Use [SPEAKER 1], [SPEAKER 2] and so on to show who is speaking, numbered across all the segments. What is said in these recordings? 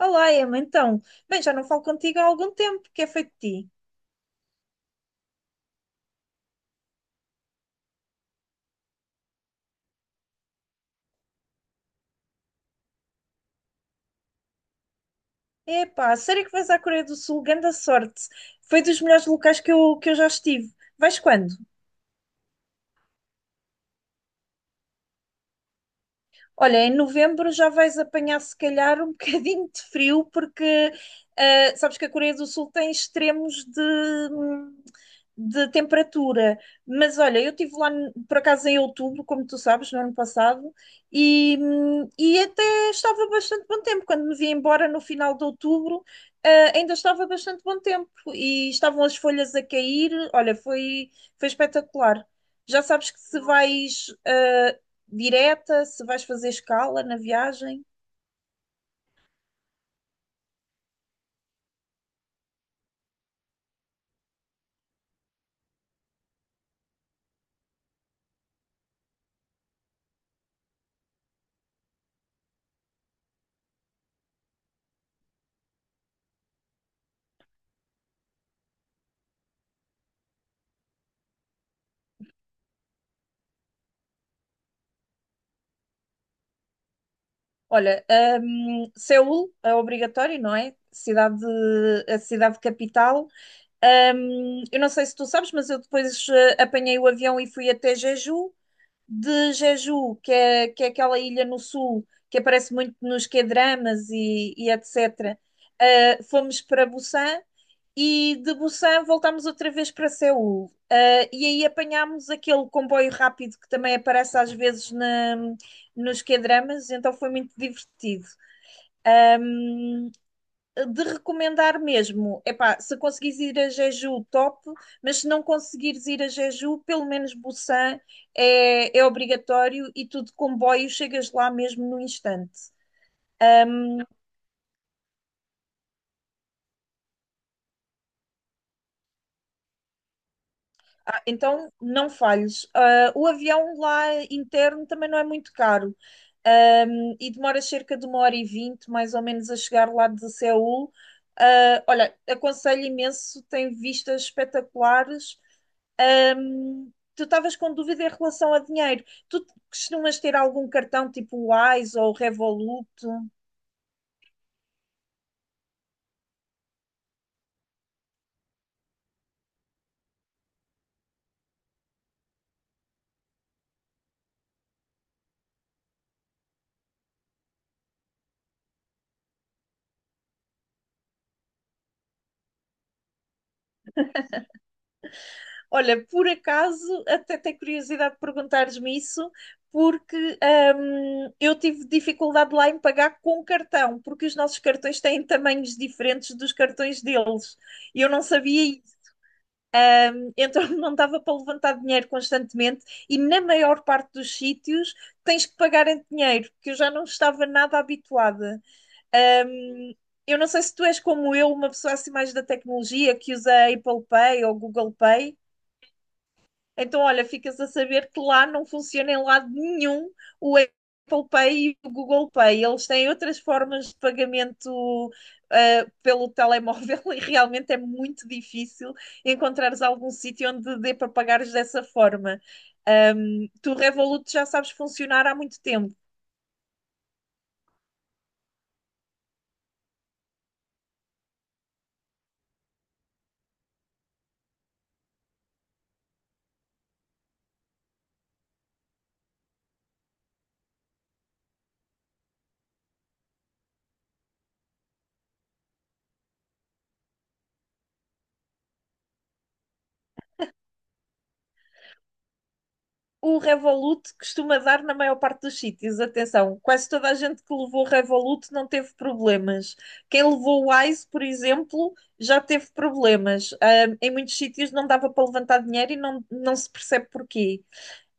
[SPEAKER 1] Olá, Emma, então. Bem, já não falo contigo há algum tempo, que é feito de ti? Epá, sério que vais à Coreia do Sul, grande sorte. Foi dos melhores locais que eu já estive. Vais quando? Olha, em novembro já vais apanhar se calhar um bocadinho de frio, porque sabes que a Coreia do Sul tem extremos de temperatura. Mas olha, eu estive lá por acaso em outubro, como tu sabes, no ano passado, e até estava bastante bom tempo. Quando me vi embora no final de outubro, ainda estava bastante bom tempo e estavam as folhas a cair. Olha, foi espetacular. Já sabes que se vais direta, se vais fazer escala na viagem. Olha, Seul é obrigatório, não é? A cidade capital. Eu não sei se tu sabes, mas eu depois apanhei o avião e fui até Jeju. De Jeju, que é aquela ilha no sul que aparece muito nos K-dramas e etc. Fomos para Busan e de Busan voltámos outra vez para Seul. E aí apanhámos aquele comboio rápido que também aparece às vezes nos K-dramas, então foi muito divertido de recomendar mesmo, epá, se conseguires ir a Jeju, top, mas se não conseguires ir a Jeju, pelo menos Busan é obrigatório e tu de comboio chegas lá mesmo no instante. Então não falhes. O avião lá interno também não é muito caro. E demora cerca de 1h20, mais ou menos, a chegar lá de Seul. Olha, aconselho imenso, tem vistas espetaculares. Tu estavas com dúvida em relação a dinheiro. Tu costumas ter algum cartão tipo Wise ou Revolut? Olha, por acaso, até tenho curiosidade de perguntares-me isso, porque eu tive dificuldade lá em pagar com cartão, porque os nossos cartões têm tamanhos diferentes dos cartões deles. E eu não sabia isso, então não dava para levantar dinheiro constantemente. E na maior parte dos sítios tens que pagar em dinheiro, que eu já não estava nada habituada. Hum, eu não sei se tu és como eu, uma pessoa assim mais da tecnologia que usa Apple Pay ou Google Pay. Então, olha, ficas a saber que lá não funciona em lado nenhum o Apple Pay e o Google Pay. Eles têm outras formas de pagamento pelo telemóvel e realmente é muito difícil encontrares algum sítio onde dê para pagares dessa forma. Tu Revolut já sabes funcionar há muito tempo. O Revolut costuma dar na maior parte dos sítios. Atenção, quase toda a gente que levou o Revolut não teve problemas. Quem levou o Wise, por exemplo, já teve problemas. Em muitos sítios não dava para levantar dinheiro e não se percebe porquê.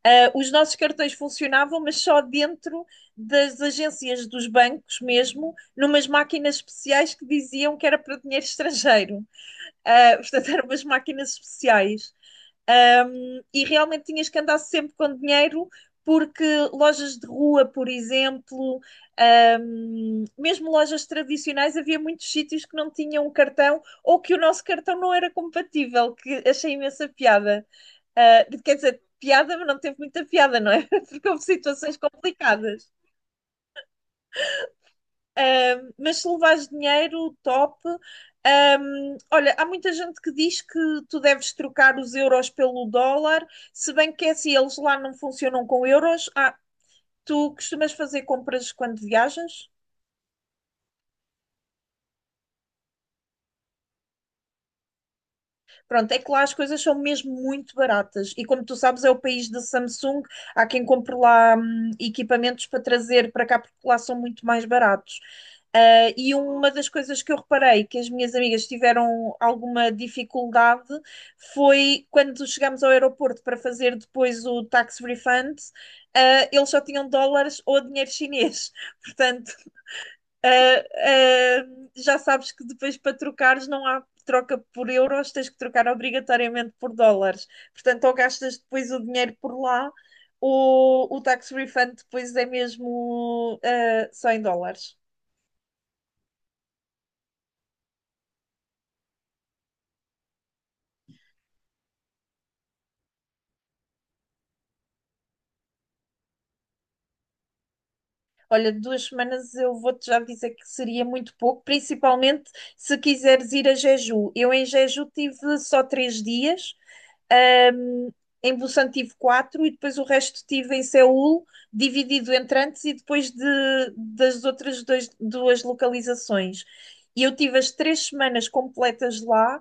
[SPEAKER 1] Os nossos cartões funcionavam, mas só dentro das agências dos bancos mesmo, numas máquinas especiais que diziam que era para dinheiro estrangeiro. Portanto, eram umas máquinas especiais. E realmente tinhas que andar sempre com dinheiro, porque lojas de rua, por exemplo, mesmo lojas tradicionais, havia muitos sítios que não tinham cartão ou que o nosso cartão não era compatível, que achei imensa piada. Quer dizer, piada, mas não teve muita piada, não é? Porque houve situações complicadas. Mas se levares dinheiro, top. Olha, há muita gente que diz que tu deves trocar os euros pelo dólar, se bem que é assim, eles lá não funcionam com euros. Tu costumas fazer compras quando viajas? Pronto, é que lá as coisas são mesmo muito baratas. E como tu sabes, é o país da Samsung. Há quem compre lá equipamentos para trazer para cá, porque lá são muito mais baratos. E uma das coisas que eu reparei que as minhas amigas tiveram alguma dificuldade foi quando chegámos ao aeroporto para fazer depois o tax refund, eles só tinham dólares ou dinheiro chinês. Portanto, Já sabes que depois para trocares não há troca por euros, tens que trocar obrigatoriamente por dólares. Portanto, ou gastas depois o dinheiro por lá, ou o tax refund depois é mesmo só em dólares. Olha, 2 semanas eu vou-te já dizer que seria muito pouco, principalmente se quiseres ir a Jeju. Eu em Jeju tive só 3 dias. Um, em Busan tive quatro e depois o resto tive em Seul, dividido entre antes e depois das outras duas localizações. E eu tive as 3 semanas completas lá.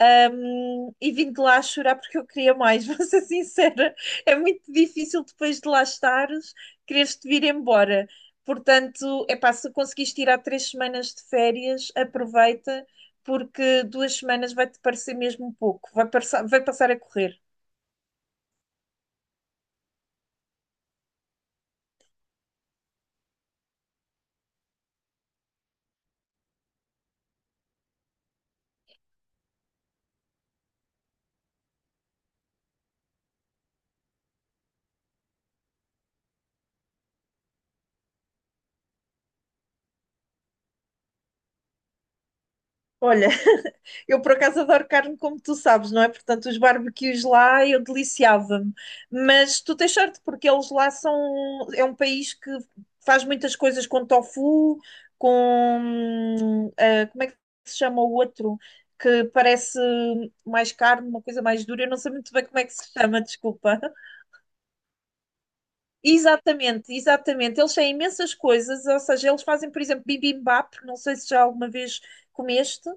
[SPEAKER 1] E vim de lá chorar porque eu queria mais, vou ser sincera, é muito difícil depois de lá estares, quereres-te vir embora. Portanto, é pá, se conseguiste tirar 3 semanas de férias, aproveita, porque 2 semanas vai-te parecer mesmo pouco, vai passar a correr. Olha, eu por acaso adoro carne, como tu sabes, não é? Portanto, os barbecues lá eu deliciava-me. Mas tu tens sorte, porque eles lá são. É um país que faz muitas coisas com tofu, Como é que se chama o outro? Que parece mais carne, uma coisa mais dura. Eu não sei muito bem como é que se chama, desculpa. Exatamente, exatamente. Eles têm imensas coisas, ou seja, eles fazem, por exemplo, bibimbap, não sei se já alguma vez comeste.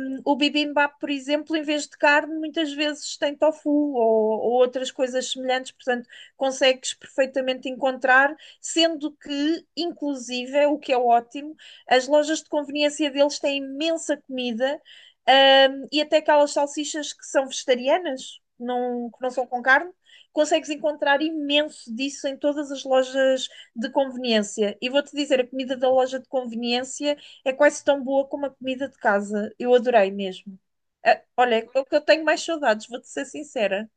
[SPEAKER 1] O bibimbap, por exemplo, em vez de carne, muitas vezes tem tofu ou outras coisas semelhantes, portanto, consegues perfeitamente encontrar, sendo que, inclusive, é o que é ótimo, as lojas de conveniência deles têm imensa comida, e até aquelas salsichas que são vegetarianas, não, que não são com carne, consegues encontrar imenso disso em todas as lojas de conveniência. E vou-te dizer, a comida da loja de conveniência é quase tão boa como a comida de casa. Eu adorei mesmo. Olha, é o que eu tenho mais saudades, vou-te ser sincera.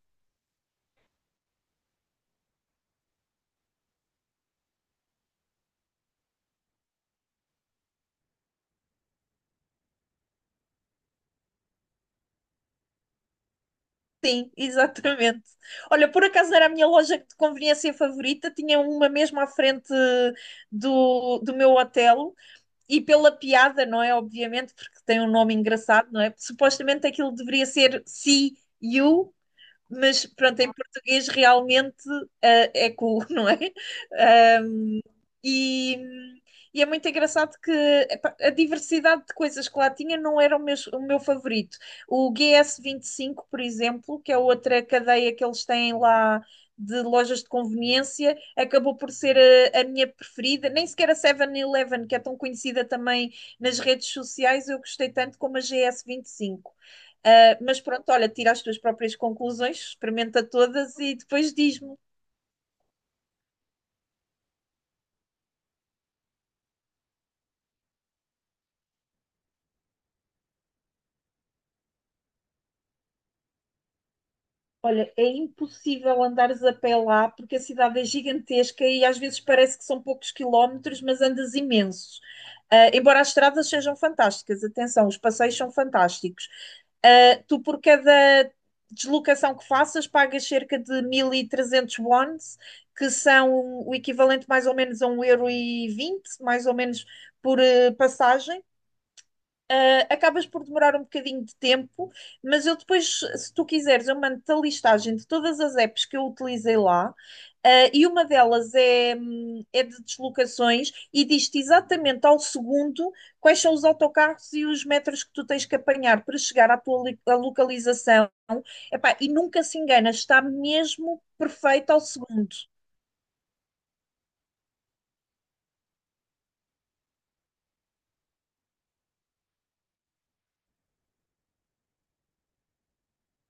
[SPEAKER 1] Sim, exatamente. Olha, por acaso era a minha loja de conveniência favorita, tinha uma mesmo à frente do meu hotel, e pela piada, não é? Obviamente, porque tem um nome engraçado, não é? Supostamente aquilo deveria ser See You, mas pronto, em português realmente é cool, não é? Ahm, e, e é muito engraçado que epá, a diversidade de coisas que lá tinha não era o meu favorito. O GS5, por exemplo, que é outra cadeia que eles têm lá de lojas de conveniência, acabou por ser a minha preferida. Nem sequer a 7-Eleven, que é tão conhecida também nas redes sociais, eu gostei tanto como a GS5. Mas pronto, olha, tira as tuas próprias conclusões, experimenta todas e depois diz-me. Olha, é impossível andares a pé lá porque a cidade é gigantesca e às vezes parece que são poucos quilómetros, mas andas imensos. Embora as estradas sejam fantásticas, atenção, os passeios são fantásticos. Tu, por cada deslocação que faças, pagas cerca de 1300 wons, que são o equivalente mais ou menos a um euro e vinte, mais ou menos por passagem. Acabas por demorar um bocadinho de tempo, mas eu depois, se tu quiseres, eu mando-te a listagem de todas as apps que eu utilizei lá, e uma delas é de deslocações e diz-te exatamente ao segundo quais são os autocarros e os metros que tu tens que apanhar para chegar à tua à localização. Epá, e nunca se engana, está mesmo perfeito ao segundo.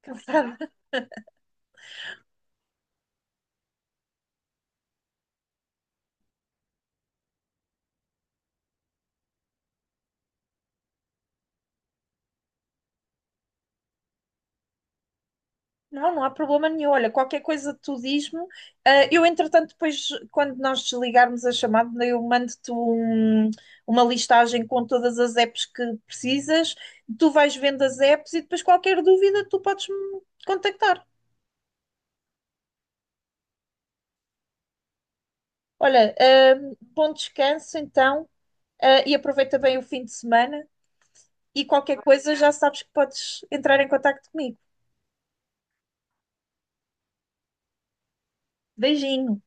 [SPEAKER 1] Não, não há problema nenhum. Olha, qualquer coisa tu diz-me. Eu, entretanto, depois, quando nós desligarmos a chamada, eu mando-te uma listagem com todas as apps que precisas. Tu vais vendo as apps e depois qualquer dúvida tu podes me contactar. Olha, bom descanso então, e aproveita bem o fim de semana. E qualquer coisa já sabes que podes entrar em contato comigo. Beijinho.